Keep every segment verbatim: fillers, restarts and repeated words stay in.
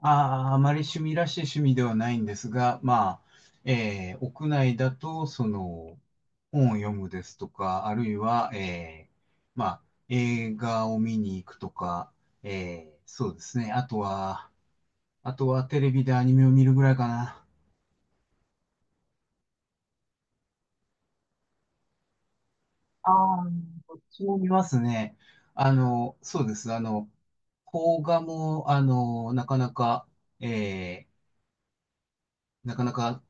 ああ、あまり趣味らしい趣味ではないんですが、まあ、えー屋内だと、その、本を読むですとか、あるいは、えーまあ、映画を見に行くとか、えーそうですね。あとは、あとはテレビでアニメを見るぐらいかな。ああ、こっちも見ますね。あの、そうです。あの、邦画も、あの、なかなか、えーなかなか、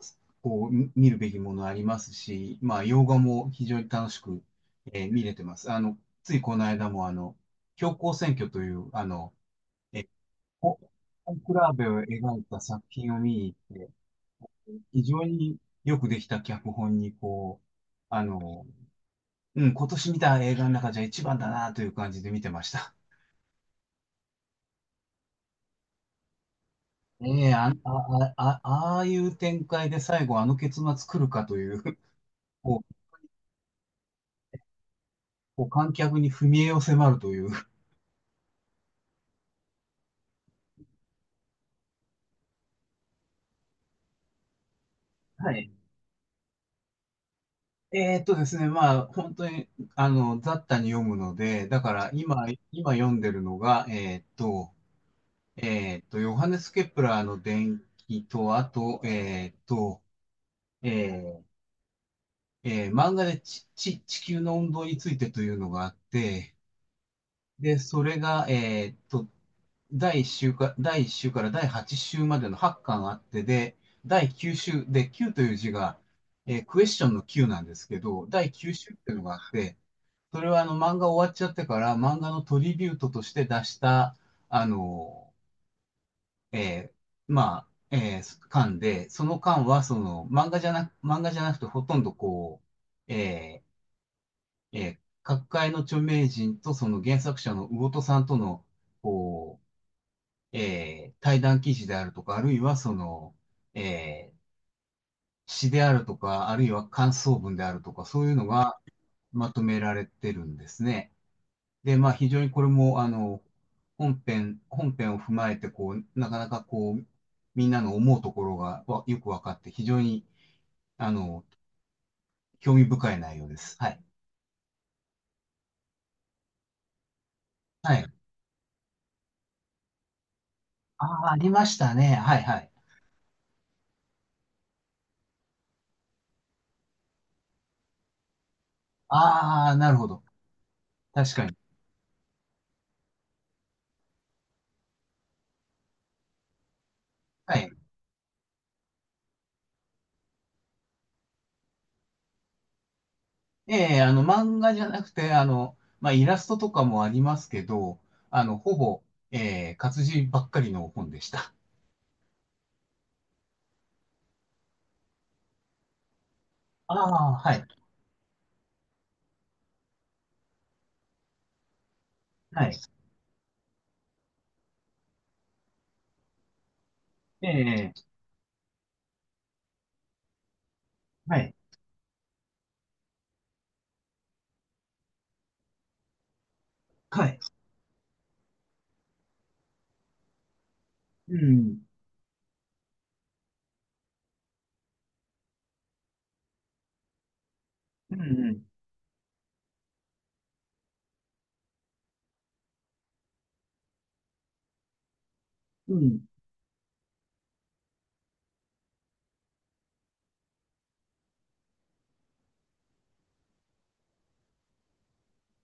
こう、み見るべきものありますし、まあ、洋画も非常に楽しく、えー見れてます。あの、ついこの間も、あの、教皇選挙という、あの、ココンクラーベを描いた作品を見に行って、非常によくできた脚本に、こう、あの、うん、今年見た映画の中じゃ一番だなという感じで見てました。ええあ、あ、あ、あああいう展開で最後あの結末来るかという、こう、こう観客に踏み絵を迫るという。はい。えーっとですね、まあ、本当に、あの、雑多に読むので、だから今、今読んでるのが、えーっと、えーっと、ヨハネス・ケプラーの伝記と、あと、えーっと、えーえー漫画でち、ち、地球の運動についてというのがあって、で、それが、えーっと、第1週か、だいいっ週からだいはっ週までのはちかんあって、で、だいきゅう週、で、きゅうという字が、えークエスチョンのきゅうなんですけど、だいきゅう週っていうのがあって、それはあの漫画終わっちゃってから漫画のトリビュートとして出した、あの、えーまあ、えー巻で、その巻はその漫画じゃなく、漫画じゃなくてほとんどこう、えーえー各界の著名人とその原作者の魚戸さんとの、こう、えー対談記事であるとか、あるいはその、えー詩であるとか、あるいは感想文であるとか、そういうのがまとめられてるんですね。で、まあ非常にこれも、あの、本編、本編を踏まえて、こう、なかなかこう、みんなの思うところがわよく分かって、非常に、あの、興味深い内容です。はい。はい。ああ、ありましたね。はいはい。ああ、なるほど。確かに。はい。ええ、あの、漫画じゃなくて、あの、まあイラストとかもありますけど、あの、ほぼ、ええ、活字ばっかりの本でした。ああ、はい。はい。ええ、はい。はい。うん。うんうん。うん。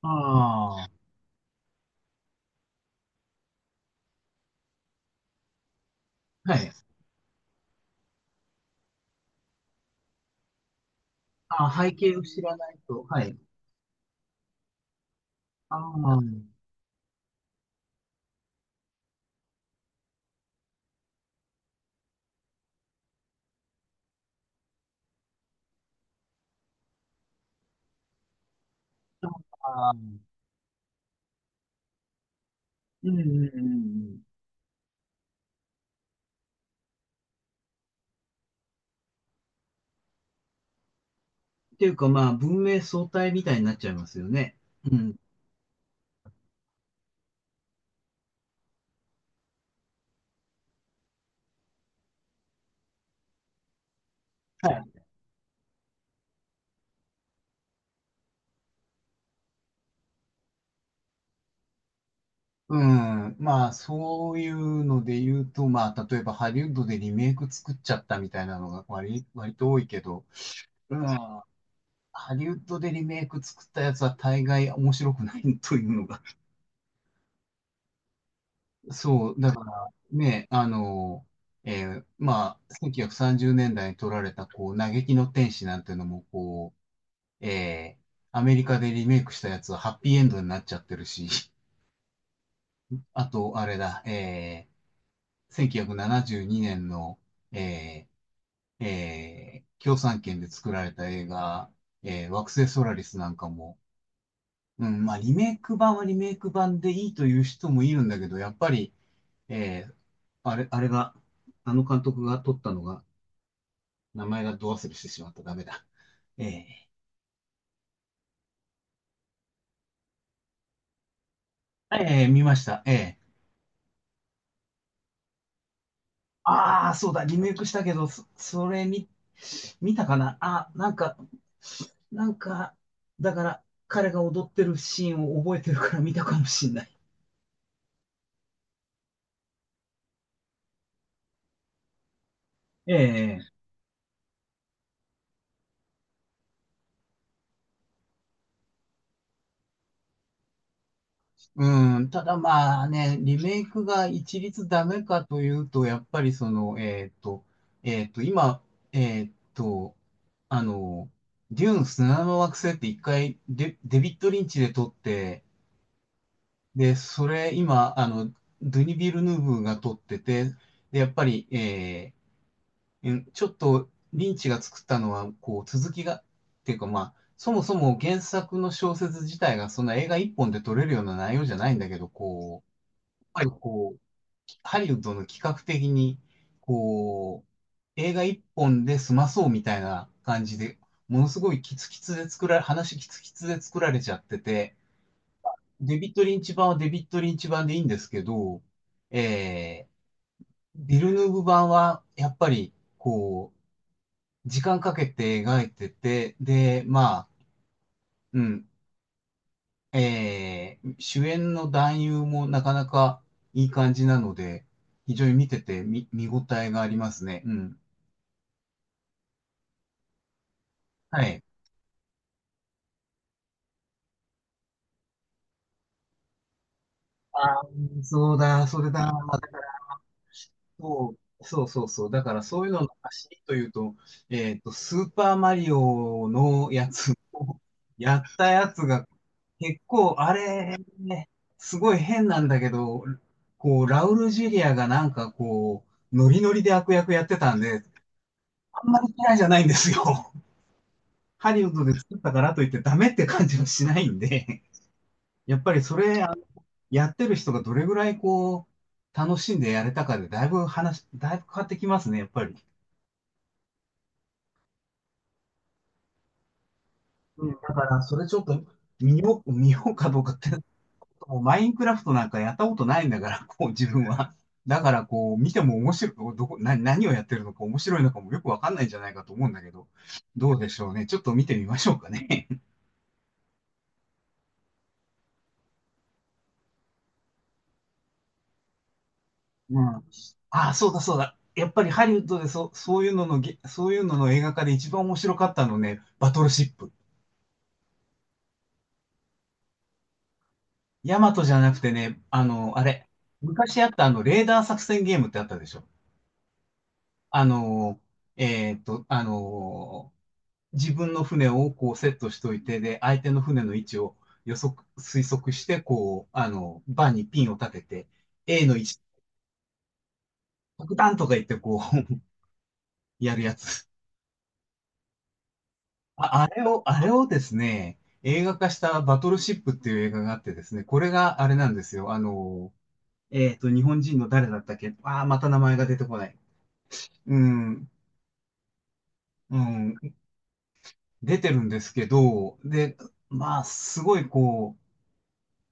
ああ、はい。ああ、背景を知らないと、はい。ああ、そうか。うんうんうんうん。っていうか、まあ、文明相対みたいになっちゃいますよね。うん。はい。うん。まあ、そういうので言うと、まあ、例えばハリウッドでリメイク作っちゃったみたいなのが割、割と多いけど、うん。ハリウッドでリメイク作ったやつは大概面白くないというのが、そう、だからね、あの、えーまあ、せんきゅうひゃくさんじゅうねんだいに撮られた、こう、嘆きの天使なんていうのも、こう、えーアメリカでリメイクしたやつはハッピーエンドになっちゃってるし、あと、あれだ、えーせんきゅうひゃくななじゅうにねんの、えーえー共産圏で作られた映画、えー惑星ソラリスなんかも、うん、まあ、リメイク版はリメイク版でいいという人もいるんだけど、やっぱり、えーあれ、あれが、あの監督が撮ったのが、名前がど忘れしてしまった。ダメだ。えええー見ました。ええ。ああ、そうだ、リメイクしたけど、そ、それ見、見たかなあ、なんか、なんか、だから、彼が踊ってるシーンを覚えてるから見たかもしんない。ええ。うん、ただまあね、リメイクが一律ダメかというと、やっぱりその、えっと、えっと、今、えっと、あの、デューン砂の惑星って一回デ、デビッド・リンチで撮って、で、それ今、あの、ドゥニ・ビルヌーブが撮ってて、で、やっぱり、えーうんちょっとリンチが作ったのは、こう、続きが、っていうかまあ、そもそも原作の小説自体がそんな映画一本で撮れるような内容じゃないんだけど、こう、ぱりこう、ハリウッドの企画的に、こう、映画一本で済まそうみたいな感じで、ものすごいキツキツで作られ、話キツキツで作られちゃってて、デビッド・リンチ版はデビッド・リンチ版でいいんですけど、えー、ビルヌーブ版はやっぱり、こう、時間かけて描いてて、で、まあ、うん、えー主演の男優もなかなかいい感じなので、非常に見てて見、見応えがありますね。うん。はい。あー、そうだ、それだ。だからそう、そうそうそう。だからそういうのの走りというと、えっと、スーパーマリオのやつを やったやつが、結構、あれ、ね、すごい変なんだけど、こう、ラウル・ジュリアがなんかこう、ノリノリで悪役やってたんで、あんまり嫌いじゃないんですよ。ハリウッドで作ったからといってダメって感じはしないんで、やっぱりそれ、あやってる人がどれぐらいこう、楽しんでやれたかでだいぶ話、だいぶ変わってきますね、やっぱり。うん、だからそれちょっと見よう、見ようかどうかって、もうマインクラフトなんかやったことないんだから、こう自分は。だからこう見ても面白い、どこ、な、何をやってるのか面白いのかもよくわかんないんじゃないかと思うんだけど、どうでしょうね。ちょっと見てみましょうかね。うん。ああ、そうだそうだ。やっぱりハリウッドでそ、そういうののげ、そういうのの映画化で一番面白かったのね、バトルシップ。ヤマトじゃなくてね、あの、あれ、昔あったあの、レーダー作戦ゲームってあったでしょ。あの、えーっと、あの、自分の船をこうセットしといて、で、相手の船の位置を予測、推測して、こう、あの、バーにピンを立てて、A の位置、爆弾とか言ってこう、やるやつ。あ、あれを、あれをですね、映画化したバトルシップっていう映画があってですね、これがあれなんですよ。あの、えっと、日本人の誰だったっけ。ああー、また名前が出てこない。うん、うん、出てるんですけど、で、まあ、すごいこ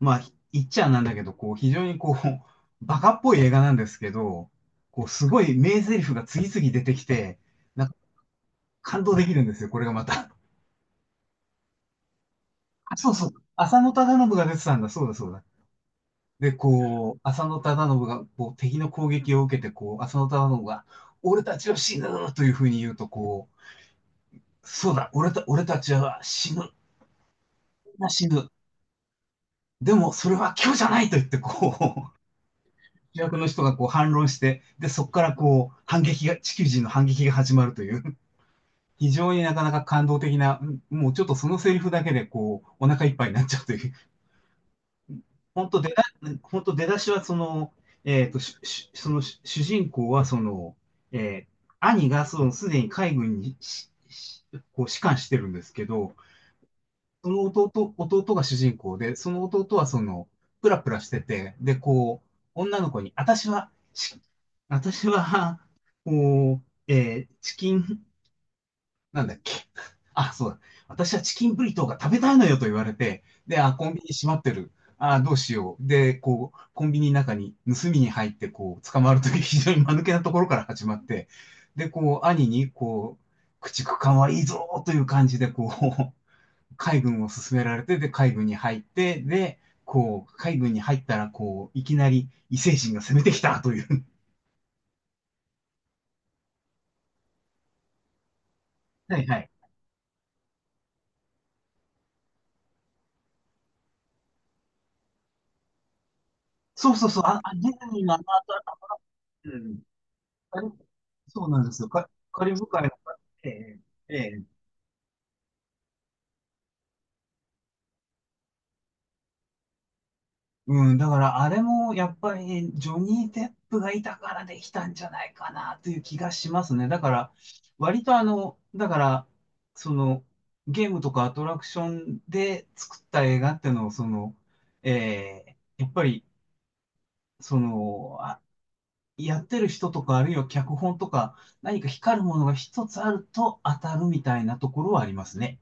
う、まあ、言っちゃなんだけど、こう、非常にこう、バカっぽい映画なんですけど、こう、すごい名台詞が次々出てきて、なんか感動できるんですよ、これがまた。あ、そうそう。浅野忠信が出てたんだ、そうだそうだ。で、こう、浅野忠信が、こう、敵の攻撃を受けて、こう、浅野忠信が、俺たちは死ぬというふうに言うと、こう、そうだ、俺た、俺たちは死ぬ、死ぬ。でも、それは今日じゃないと言って、こう、主役の人がこう反論して、で、そこからこう、反撃が、地球人の反撃が始まるという、非常になかなか感動的な、もうちょっとそのセリフだけで、こう、お腹いっぱいになっちゃうという、本当出だ、本当出だしはその、えっと、ししそのし主人公はその、えー兄がそのすでに海軍にししこう士官してるんですけど、その弟、弟が主人公で、その弟はその、プラプラしてて、で、こう、女の子に、私はし、私は、こう、えーチキン、なんだっけ。あ、そうだ。私はチキンブリトーが食べたいのよと言われて、で、あ、コンビニ閉まってる。あ、どうしよう。で、こう、コンビニの中に盗みに入って、こう、捕まるという 非常に間抜けなところから始まって、で、こう、兄に、こう、駆逐艦はいいぞという感じで、こう、海軍を進められて、で、海軍に入って、で、こう、海軍に入ったら、こう、いきなり異星人が攻めてきたという。はいはい。そうそうそう、あ、あ、ね、今、また、うんカリそうなんですよ。カカリブ海の、ええ、ええ、うん、だからあれもやっぱりジョニー・デップがいたからできたんじゃないかなという気がしますね。だから、割とあの、だから、その、ゲームとかアトラクションで作った映画っていうのを、その、ええ、やっぱり、その、あ、やってる人とか、あるいは脚本とか、何か光るものが一つあると当たるみたいなところはありますね。